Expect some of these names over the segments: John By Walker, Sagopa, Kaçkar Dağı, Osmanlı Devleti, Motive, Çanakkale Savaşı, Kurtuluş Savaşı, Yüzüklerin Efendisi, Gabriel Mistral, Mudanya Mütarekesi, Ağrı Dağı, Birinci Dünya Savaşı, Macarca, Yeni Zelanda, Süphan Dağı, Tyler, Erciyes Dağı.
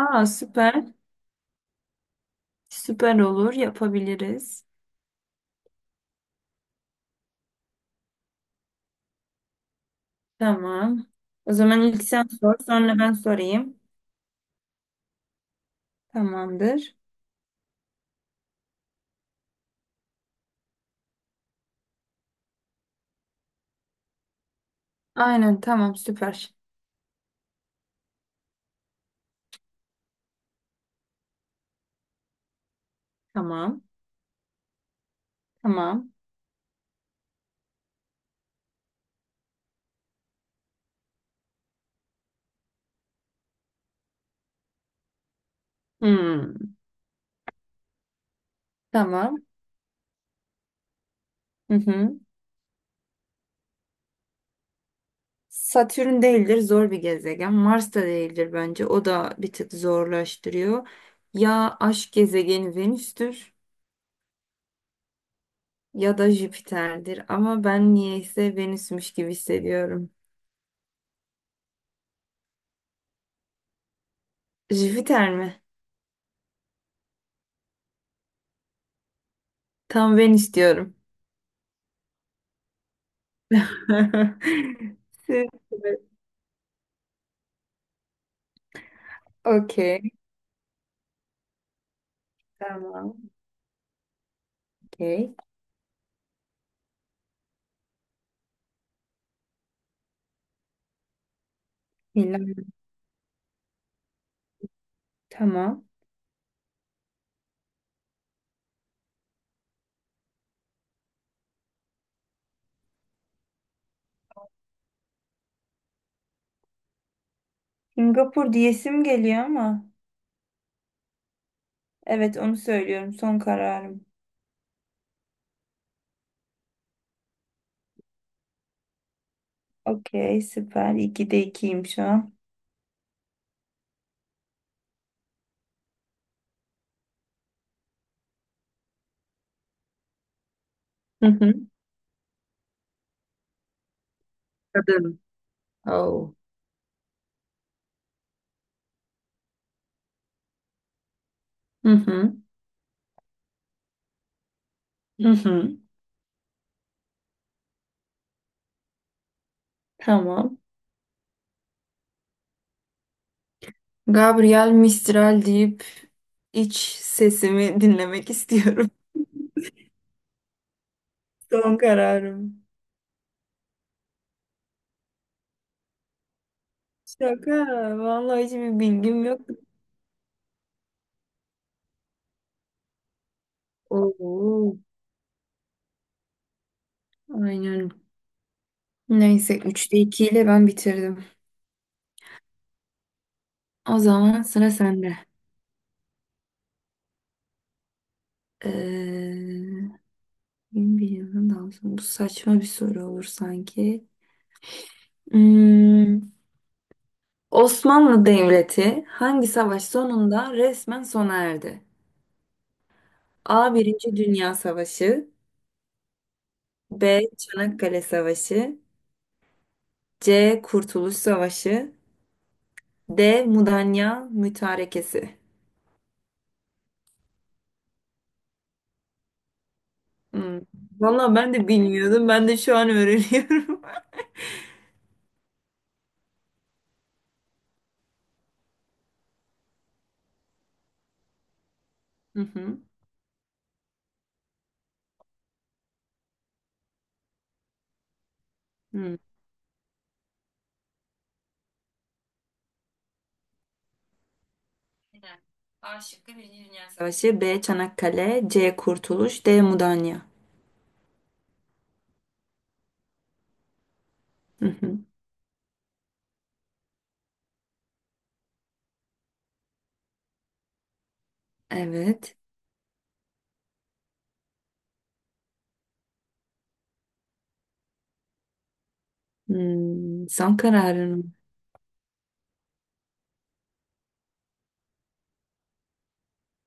Aa, süper. Süper olur. Yapabiliriz. Tamam. O zaman ilk sen sor, sonra ben sorayım. Tamamdır. Aynen, tamam, süper. Tamam. Tamam. Hmm, tamam. Hı hı. Satürn değildir, zor bir gezegen. Mars da değildir bence. O da bir tık zorlaştırıyor. Ya aşk gezegeni Venüs'tür ya da Jüpiter'dir. Ama ben niyeyse Venüs'müş gibi hissediyorum. Jüpiter mi? Tam Venüs diyorum. Süper. Okey. Tamam. Okey. Milan. Tamam. Singapur diyesim geliyor ama. Evet, onu söylüyorum. Son kararım. Okey. Süper. İkide ikiyim şu an. Hı hı. Kadın. Oh. Hı hı. Hı hı. Tamam. Gabriel Mistral deyip iç sesimi dinlemek istiyorum. Son kararım. Şaka. Vallahi hiçbir bilgim yok. Oo. Aynen. Neyse üçte 2 ile ben bitirdim. O zaman sıra sende. Ee, 21 yıldan daha sonra. Bu saçma bir soru olur sanki. Hmm, Osmanlı Devleti hangi savaş sonunda resmen sona erdi? A. Birinci Dünya Savaşı, B. Çanakkale Savaşı, C. Kurtuluş Savaşı, D. Mudanya Mütarekesi. Hmm. Valla ben de bilmiyordum. Ben de şu an öğreniyorum. Hı hı. Hı. Aynen. A şıkkı Birinci Dünya Savaşı. B. Çanakkale, C. Kurtuluş, D. Mudanya. Hı hı. Evet. Son kararın. Mı?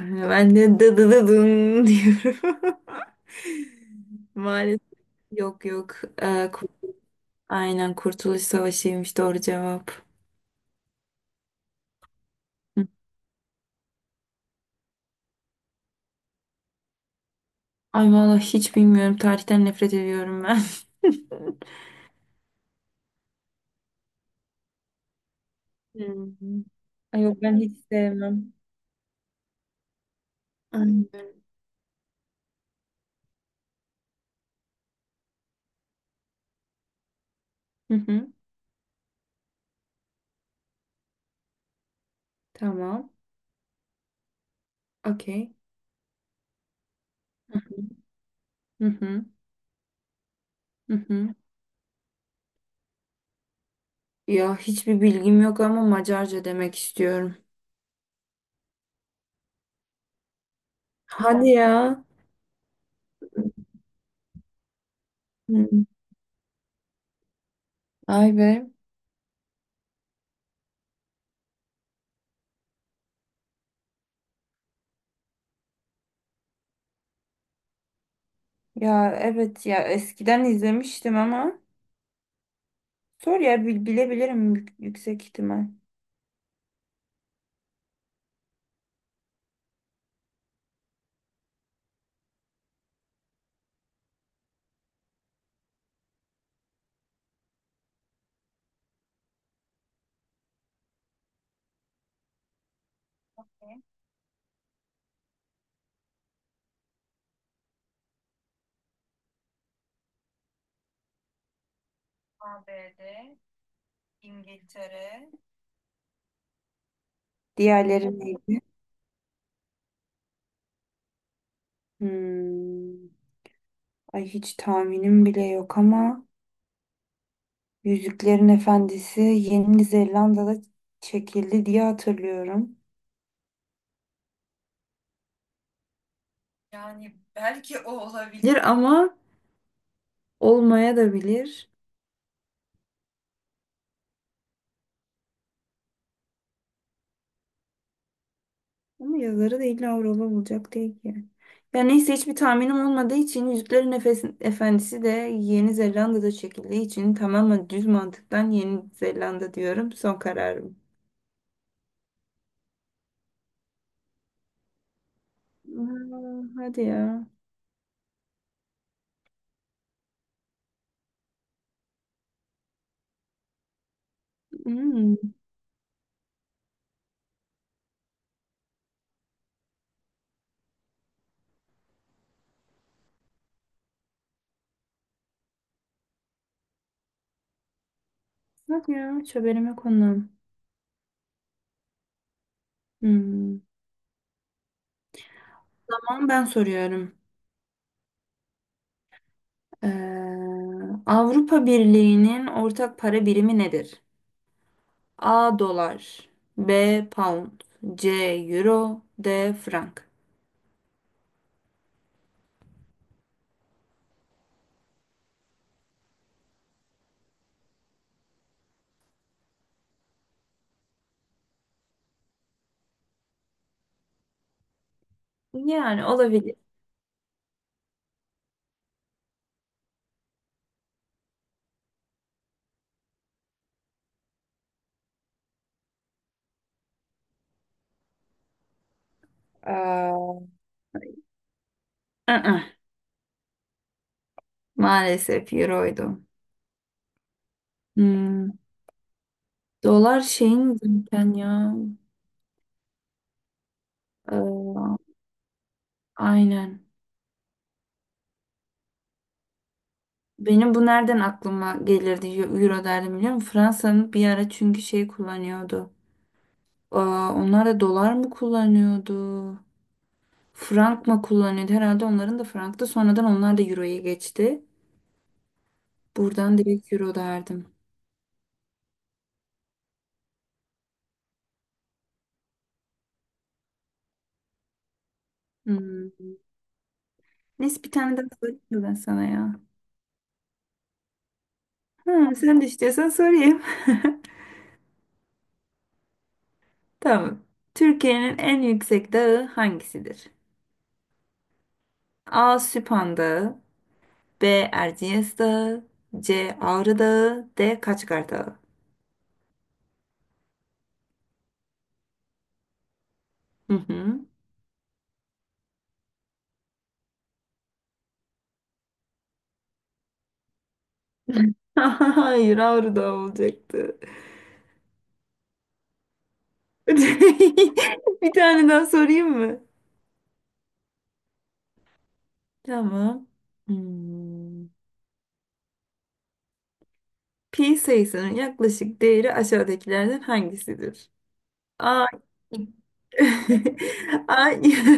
Ben de dı dı dı dın diyorum. Maalesef. Yok, yok. Ee, kur- aynen, Kurtuluş Savaşı'ymış doğru cevap. Hı. Ay vallahi hiç bilmiyorum. Tarihten nefret ediyorum ben. Hmm. Ay yok, ben hiç sevmem. Aynen. Hı hı. Tamam. Okey. Hı hı. Hı hı. Ya hiçbir bilgim yok ama Macarca demek istiyorum. Hadi ya. Hmm. Ay be. Ya evet, ya eskiden izlemiştim ama sor ya bilebilirim yüksek ihtimal. ABD, İngiltere. Diğerleri neydi? Hmm. Ay hiç tahminim bile yok ama Yüzüklerin Efendisi Yeni Zelanda'da çekildi diye hatırlıyorum. Yani belki o olabilir, ama olmaya da bilir. Ama yazarı da illa Avrupa bulacak değil ki. Ya neyse, hiçbir tahminim olmadığı için Yüzüklerin Efendisi de Yeni Zelanda'da çekildiği için tamamen düz mantıktan Yeni Zelanda diyorum. Son kararım. Aa, hadi ya. Hmm. Bak ya, hiç haberime konu. Hmm. Tamam, ben soruyorum. Ee, Avrupa Birliği'nin ortak para birimi nedir? A dolar, B pound, C euro, D frank. Yani olabilir. Ee, Aa, maalesef euroydu. Hmm, dolar şeyin zaten ya. Ee, aynen. Benim bu nereden aklıma gelirdi, euro derdim biliyor musun? Fransa'nın bir ara çünkü şey kullanıyordu. Aa, onlar da dolar mı kullanıyordu? Frank mı kullanıyordu? Herhalde onların da franktı. Sonradan onlar da euroya geçti. Buradan direkt euro derdim. Hmm. Neyse, bir tane daha sorayım mı ben sana ya? Ha, sen de istiyorsan sorayım. Tamam. Türkiye'nin en yüksek dağı hangisidir? A. Süphan Dağı, B. Erciyes Dağı, C. Ağrı Dağı, D. Kaçkar Dağı. Hı hı. Hayır, Ağrı Dağı olacaktı. Bir tane daha sorayım mı? Tamam. Hmm. Pi sayısının yaklaşık değeri aşağıdakilerden hangisidir? A. A,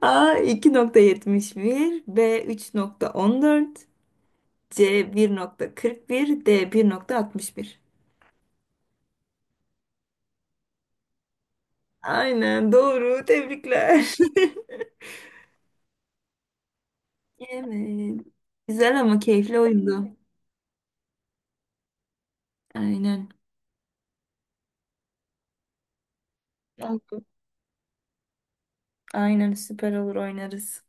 A 2,71, B 3,14, C 1,41, D 1,61. Aynen doğru. Tebrikler. Evet. Güzel ama keyifli oyundu. Aynen. Oldu. Aynen, süper olur, oynarız.